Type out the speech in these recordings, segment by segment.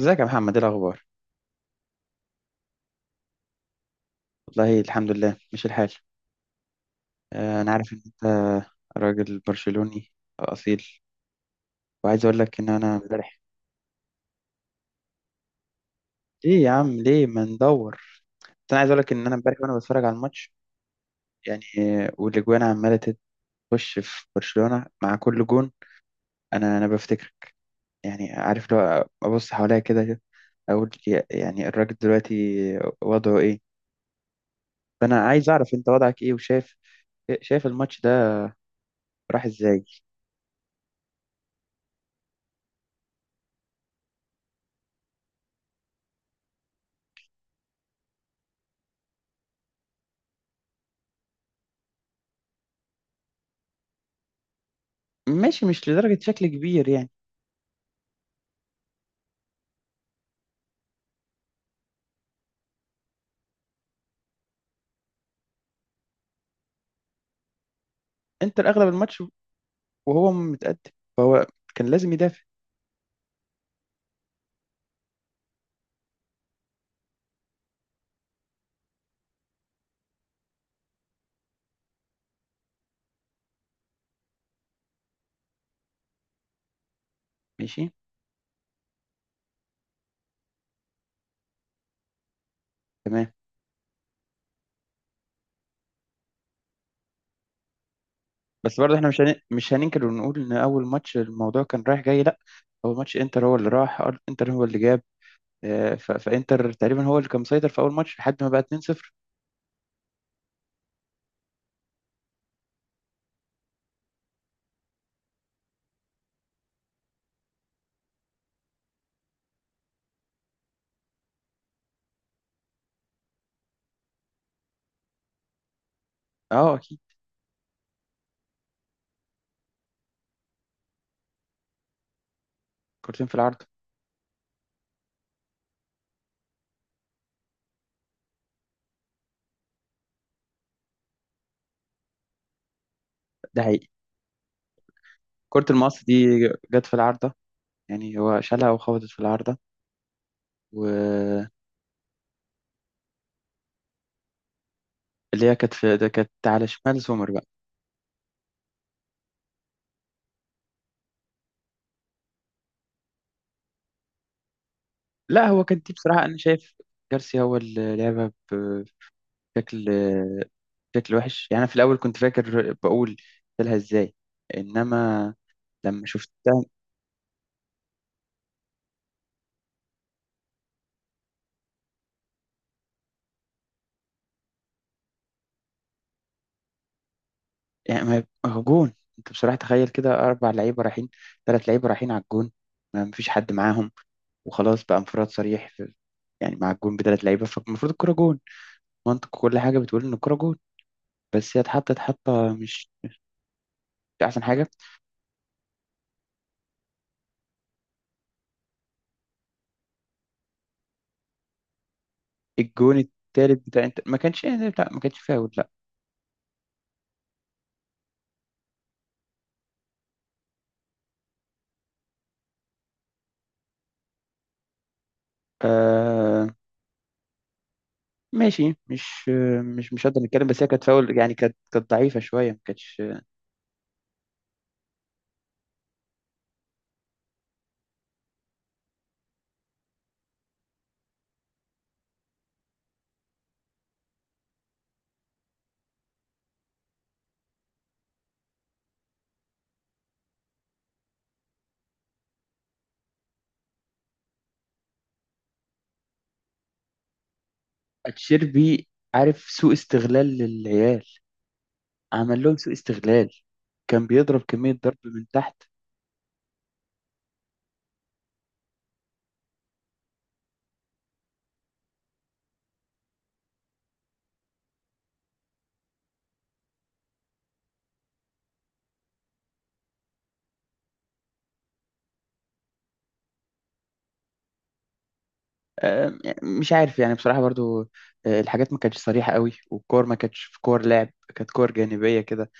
ازيك يا محمد؟ ايه الاخبار؟ والله الحمد لله. مش الحال؟ آه، انا عارف ان انت راجل برشلوني اصيل، وعايز اقول لك ان انا امبارح... ليه يا عم ليه ما ندور؟ بس انا عايز اقول لك ان انا امبارح وانا بتفرج على الماتش، يعني والاجوان عماله تخش في برشلونة مع كل جون. انا بفتكر يعني، عارف لو ابص حواليا كده كده، اقول يعني الراجل دلوقتي وضعه ايه؟ فانا عايز اعرف انت وضعك ايه، وشايف... شايف الماتش ده راح ازاي؟ ماشي، مش لدرجة شكل كبير يعني. انتر اغلب الماتش وهو متقدم، فهو كان لازم يدافع. ماشي. تمام. بس برضه احنا مش هننكر ونقول ان اول ماتش الموضوع كان رايح جاي، لا. اول ماتش انتر هو اللي جاب فانتر تقريبا هو اللي كان مسيطر في اول ماتش لحد ما بقى 2-0. اه اكيد. كورتين في العارضه. ده حقيقي. كرة المقص دي جت في العارضه، يعني هو شالها وخبطت في العارضه. واللي هي كانت في ده كانت على شمال سومر بقى. لا هو كانت دي، بصراحه انا شايف جارسيا هو اللي لعبها بشكل بشكل وحش يعني. أنا في الأول كنت فاكر، بقول شالها إزاي، إنما لما شفتها... يعني ما هو جون، أنت بصراحة تخيل كده أربع لعيبة رايحين، ثلاث لعيبة رايحين على الجون، ما مفيش حد معاهم، وخلاص بقى انفراد صريح في... يعني مع الجون بثلاث لعيبة، فالمفروض الكرة جون. منطق كل حاجة بتقول إن الكرة جون، بس هي اتحطت حطة مش أحسن حاجة. الجون التالت بتاع أنت ما كانش، يعني لا ما كانش فاول، لا. آه، ماشي. مش هقدر نتكلم، بس هي كانت فاول يعني، كانت ضعيفة شوية، ما كانتش... اتشيربي، عارف، سوء استغلال للعيال، عمل لهم سوء استغلال، كان بيضرب كمية ضرب من تحت. آه، مش عارف يعني بصراحة برضو، الحاجات ما كانتش صريحة قوي، والكور ما كانتش في كور لعب، كانت كور جانبية كده،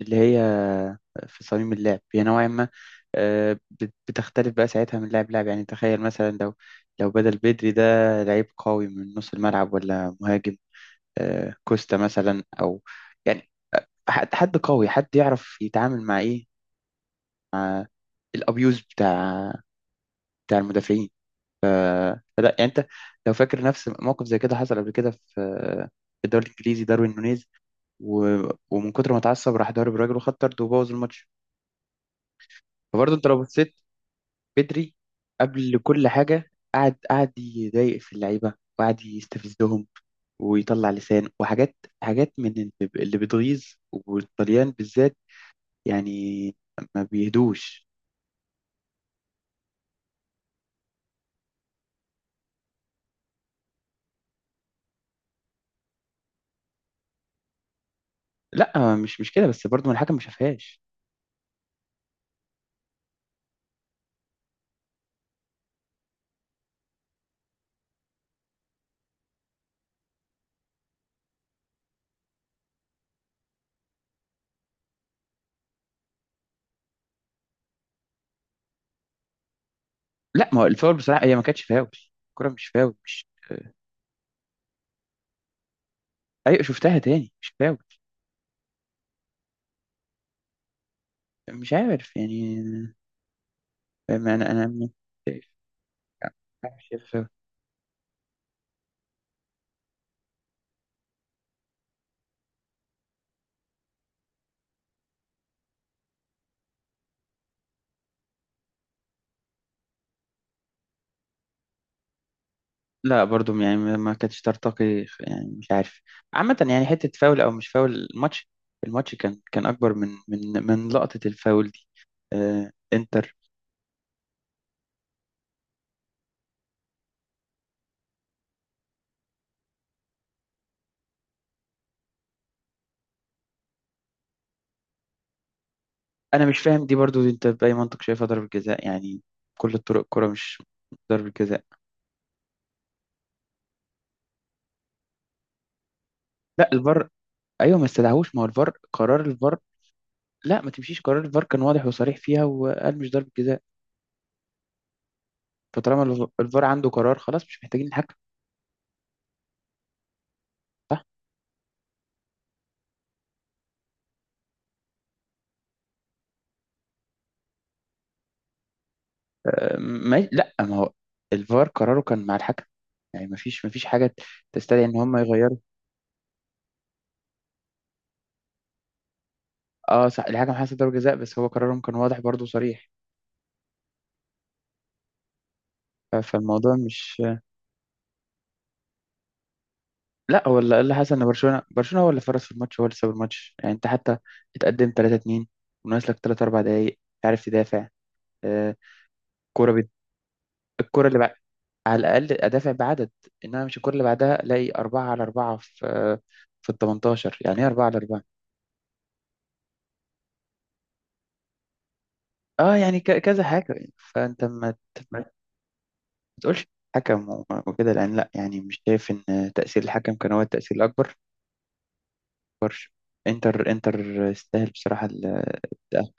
اللي هي في صميم اللعب هي نوعا ما بتختلف بقى ساعتها من لاعب لاعب، يعني تخيل مثلا لو بدل بدري ده لعيب قوي من نص الملعب ولا مهاجم، كوستا مثلا او يعني، حد حد قوي حد يعرف يتعامل مع ايه، الابيوز بتاع المدافعين. فلا يعني انت لو فاكر نفس موقف زي كده حصل قبل كده في الدوري الانجليزي، داروين نونيز و... ومن كتر ما اتعصب راح ضارب راجل وخد طرد وبوظ الماتش. فبرضه انت لو بصيت، بدري قبل كل حاجه قعد يضايق في اللعيبه، وقعد يستفزهم، ويطلع لسان وحاجات، حاجات من اللي بتغيظ، والطليان بالذات يعني ما بيهدوش. لا مش كده، بس برضه ما الحكم ما شافهاش. لا ما هو الفاول بصراحه هي ما كانتش فاول، الكره مش فاول، مش... ايوه، شفتها تاني، مش فاول. مش عارف يعني. فاهم؟ انا مش عارف، شايف فاول. لا برضو يعني ما كانتش ترتقي، يعني مش عارف. عامه يعني، حته فاول او مش فاول، الماتش الماتش كان اكبر من لقطه الفاول دي. آه، انتر... انا مش فاهم دي برضو، دي انت باي منطق شايفها ضربه جزاء يعني؟ كل الطرق الكره مش ضربه جزاء. لا الفار، ايوه ما استدعوش، ما هو الفار قرار الفار. لا ما تمشيش، قرار الفار كان واضح وصريح فيها، وقال مش ضربة جزاء. فطالما الفار عنده قرار خلاص، مش محتاجين الحكم. صح. آه، ما لا ما هو الفار قراره كان مع الحكم، يعني ما فيش حاجة تستدعي ان هم يغيروا. اه صح، الحكم حسب ضربة جزاء، بس هو قرارهم كان واضح برضه وصريح. فالموضوع مش... لا هو اللي حصل ان برشلونة هو اللي فرص في الماتش، هو اللي ساب الماتش. يعني انت حتى اتقدم 3-2 وناقص لك 3 4 دقايق، عارف تدافع. آه، كرة بت... الكرة اللي على الأقل أدافع بعدد، إنما مش الكرة اللي بعدها ألاقي أربعة على أربعة في ال 18، يعني إيه أربعة على أربعة؟ أه يعني كذا حاجة يعني. فأنت ما تقولش حكم وكده، لأ يعني مش شايف إن تأثير الحكم كان هو التأثير الأكبر. إنتر استاهل بصراحة التأهل.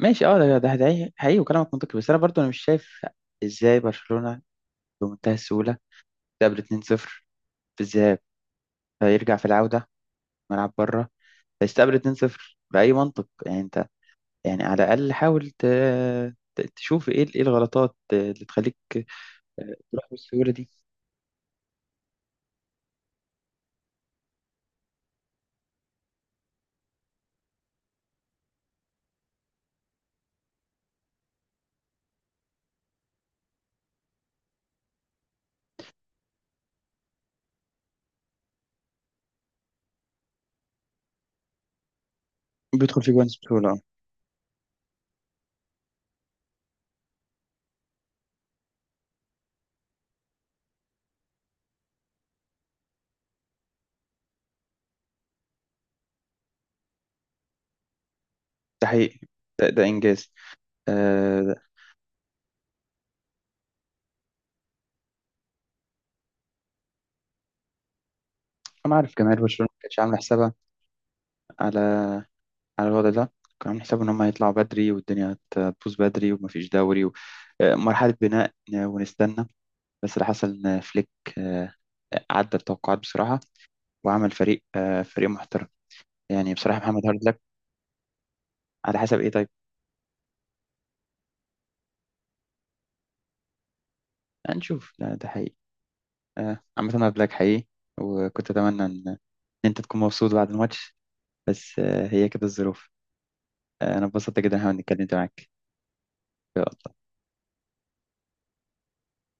ماشي، أه ده حقيقي وكلامك منطقي، بس أنا برضو أنا مش شايف إزاي برشلونة بمنتهى السهولة تقابل 2-0 في الذهاب فيرجع في العودة ملعب بره فيستقبل 2-0 بأي منطق يعني؟ يعني على الأقل حاول تشوف إيه الغلطات اللي تخليك تروح بالسهولة دي. بيدخل في جوان بسهولة، آه. ده حقيقي. ده إنجاز. آه. أنا عارف جماهير برشلونة ما كانتش عاملة حسابها على على الوضع ده. كانوا عاملين حسابهم إن هم يطلعوا بدري والدنيا هتبوظ بدري ومفيش دوري و... آه، مرحلة بناء، ونستنى. بس اللي حصل إن فليك آه، عدى التوقعات بصراحة، وعمل فريق فريق محترم. يعني بصراحة محمد هارد لك. على حسب إيه طيب؟ هنشوف، لا ده حقيقي. عامة أنا قبلك حقيقي، وكنت أتمنى إن أنت تكون مبسوط بعد الماتش، بس هي كده الظروف. أنا اتبسطت جدا إن أنا اتكلمت معاك.